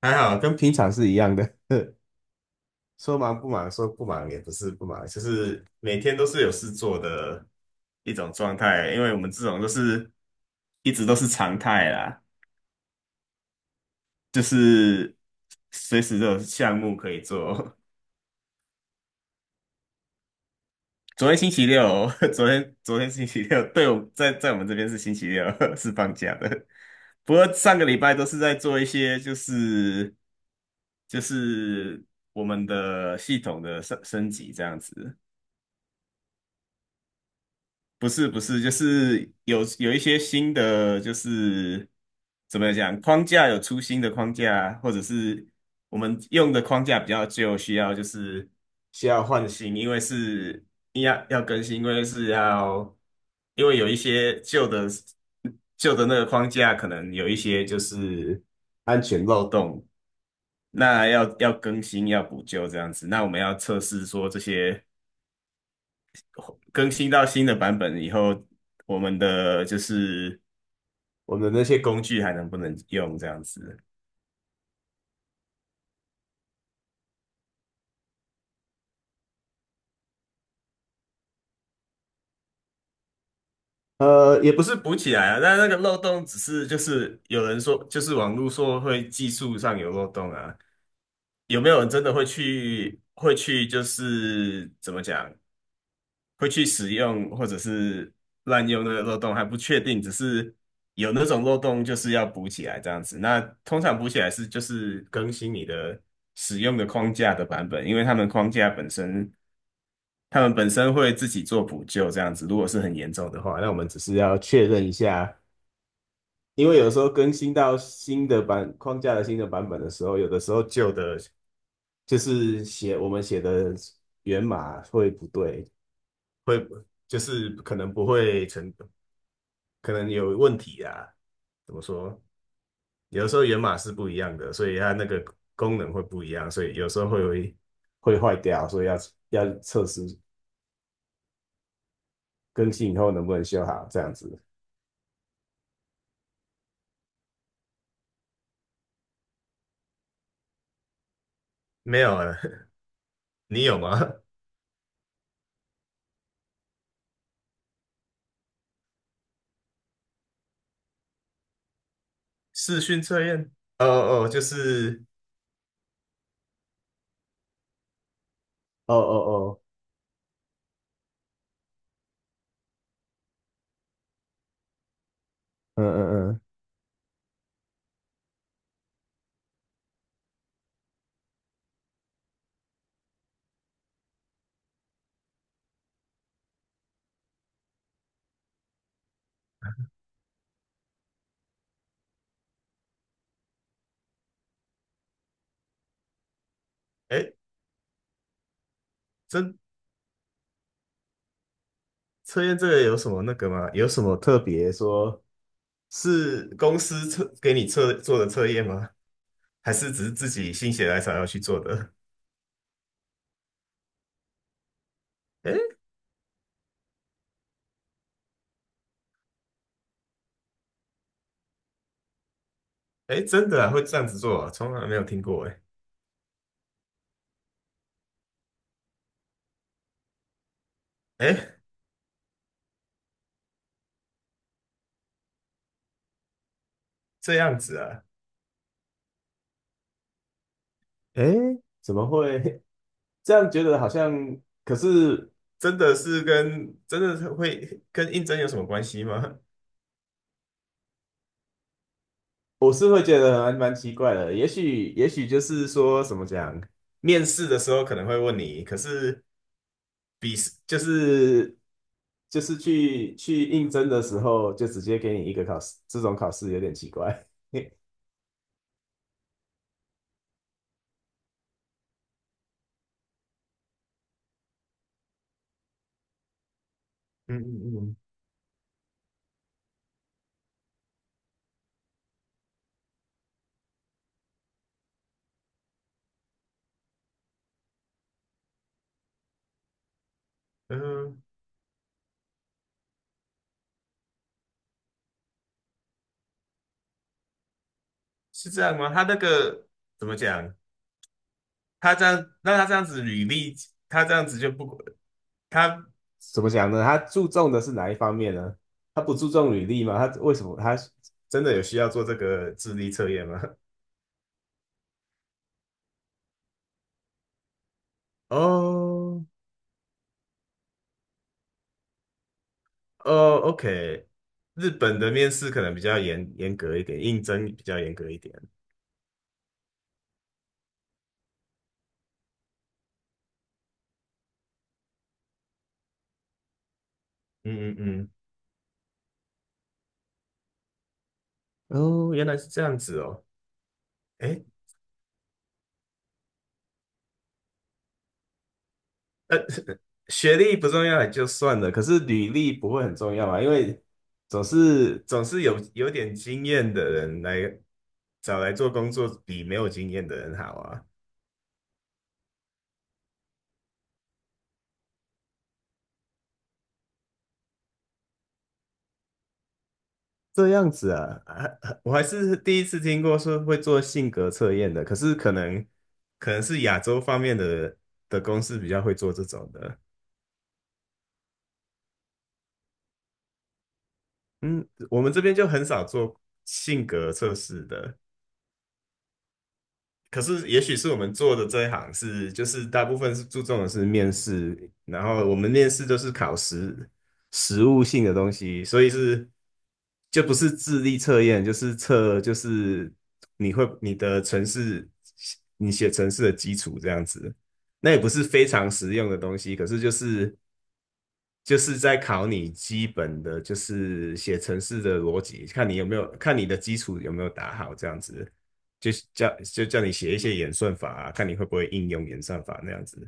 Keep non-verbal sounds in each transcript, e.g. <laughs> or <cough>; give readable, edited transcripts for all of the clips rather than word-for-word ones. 还好，跟平常是一样的。<laughs> 说忙不忙，说不忙也不是不忙，就是每天都是有事做的一种状态。因为我们这种都是一直都是常态啦，就是随时都有项目可以做。<laughs> 昨天星期六，<laughs> 昨天星期六，对，我在我们这边是星期六，<laughs> 是放假的。不过上个礼拜都是在做一些就是就是我们的系统的升级这样子。不是，就是有一些新的，就是怎么讲，框架有出新的框架，或者是我们用的框架比较旧，需要就是需要换新，因为是要更新，因为是要因为有一些旧的那个框架可能有一些就是安全漏洞，那要更新要补救这样子，那我们要测试说这些。更新到新的版本以后，我们的就是我们的那些工具还能不能用这样子？呃，也不是补起来啊，但那个漏洞只是就是有人说，就是网络说会技术上有漏洞啊，有没有人真的会去会去就是怎么讲，会去使用或者是滥用那个漏洞还不确定，只是有那种漏洞就是要补起来这样子。那通常补起来是就是更新你的使用的框架的版本，因为他们框架本身。他们本身会自己做补救，这样子。如果是很严重的话，那我们只是要确认一下，因为有时候更新到新的版框架的新的版本的时候，有的时候旧的，就是写我们写的源码会不对，会就是可能不会成，可能有问题啊。怎么说？有的时候源码是不一样的，所以它那个功能会不一样，所以有时候会坏掉，所以要要测试更新以后能不能修好，这样子。没有啊。<laughs> 你有吗？<laughs> 视讯测验？哦哦，哦就是，哦哦哦，嗯嗯嗯，哎，这测验这个有什么那个吗？有什么特别说？是公司测给你测做的测验吗？还是只是自己心血来潮要去做的？哎哎，真的啊，会这样子做啊？从来没有听过哎哎，这样子啊，诶，怎么会 <laughs> 这样？觉得好像，可是真的是会跟应征有什么关系吗？我是会觉得还蛮奇怪的，也许就是说怎么讲，面试的时候可能会问你，可是比就是就是去应征的时候就直接给你一个考试，这种考试有点奇怪。<laughs> 嗯嗯嗯嗯，是这样吗？他那个怎么讲？他这样，那他这样子履历，他这样子就不，他怎么讲呢？他注重的是哪一方面呢？他不注重履历吗？他为什么他真的有需要做这个智力测验吗？<laughs> 哦哦，OK，日本的面试可能比较严格一点，应征比较严格一点。嗯嗯嗯，哦，原来是这样子哦。哎。学历不重要也就算了，可是履历不会很重要嘛？因为总是有点经验的人来找来做工作，比没有经验的人好啊。这样子啊啊啊我还是第一次听过说会做性格测验的，可是可能是亚洲方面的的公司比较会做这种的。嗯，我们这边就很少做性格测试的。可是，也许是我们做的这一行是，就是大部分是注重的是面试，然后我们面试都是考实实务性的东西，所以是就不是智力测验，就是测就是你会你的程式，你写程式的基础这样子。那也不是非常实用的东西，可是就是在考你基本的，就是写程式的逻辑，看你有没有，看你的基础有没有打好，这样子，就叫你写一些演算法啊，看你会不会应用演算法那样子。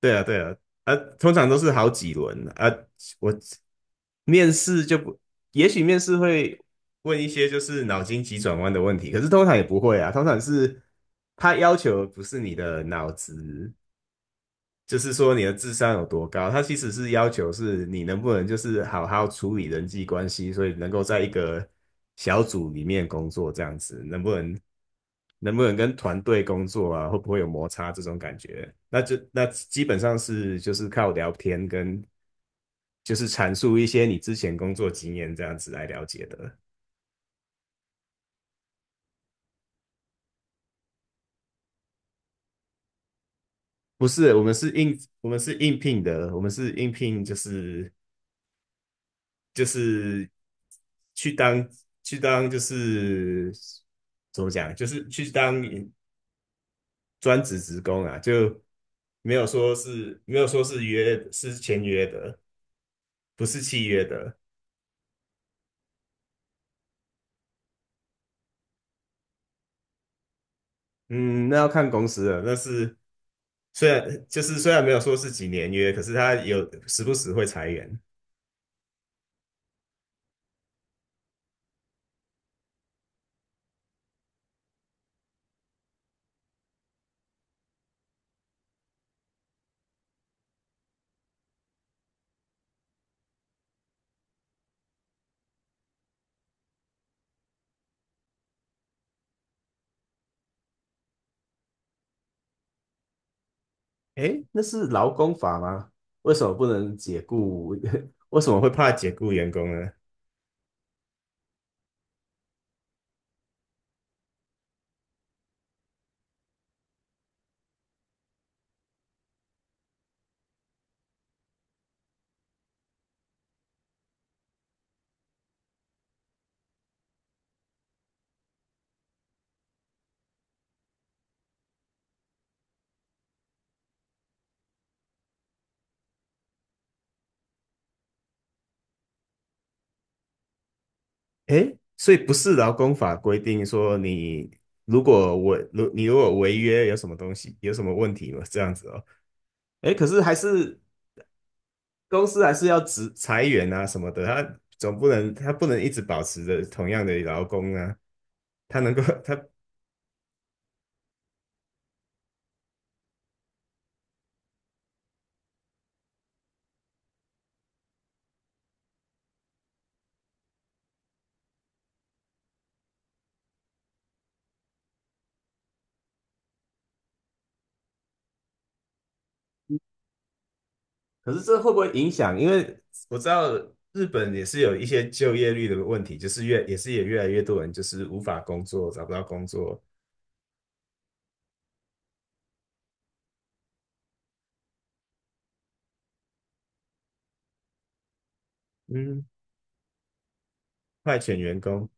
对啊，对啊，啊，通常都是好几轮啊。我面试就不，也许面试会问一些就是脑筋急转弯的问题，可是通常也不会啊，通常是他要求不是你的脑子就是说你的智商有多高，它其实是要求是你能不能就是好好处理人际关系，所以能够在一个小组里面工作这样子，能不能跟团队工作啊，会不会有摩擦这种感觉？那就那基本上是就是靠聊天跟就是阐述一些你之前工作经验这样子来了解的。不是，我们是应聘的，我们是应聘就是就是去当就是怎么讲，就是去当专职职工啊，就没有说是约是签约的，不是契约的。嗯，那要看公司了。那是虽然没有说是几年约，可是他有时不时会裁员。诶，那是劳工法吗？为什么不能解雇？<laughs> 为什么会怕解雇员工呢？诶，所以不是劳工法规定说你，如你如果违约有什么东西，有什么问题吗？这样子哦。诶，可是还是公司还是要职裁员啊什么的，他不能一直保持着同样的劳工啊，他能够他 <laughs>，可是这会不会影响？因为我知道日本也是有一些就业率的问题，就是也是也越来越多人就是无法工作，找不到工作，嗯，派遣员工，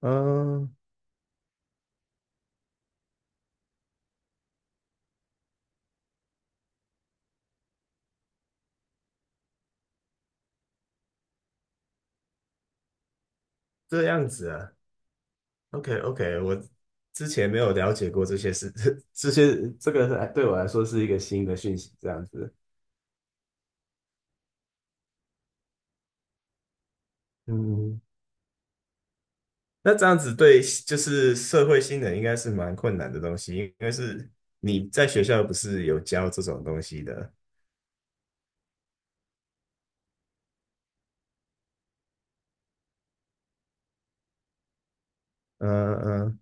嗯，这样子啊。OK OK，我之前没有了解过这些事，<laughs> 这个是对我来说是一个新的讯息，这样子。嗯，那这样子对就是社会新人应该是蛮困难的东西，因为是你在学校不是有教这种东西的。嗯嗯，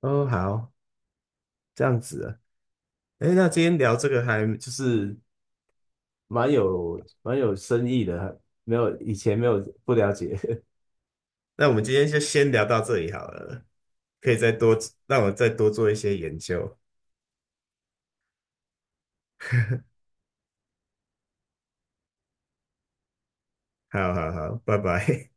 哦好，这样子啊。哎，那今天聊这个还就是蛮有深意的，没有不了解。那我们今天就先聊到这里好了，可以再多，让我再多做一些研究。好好好，拜拜。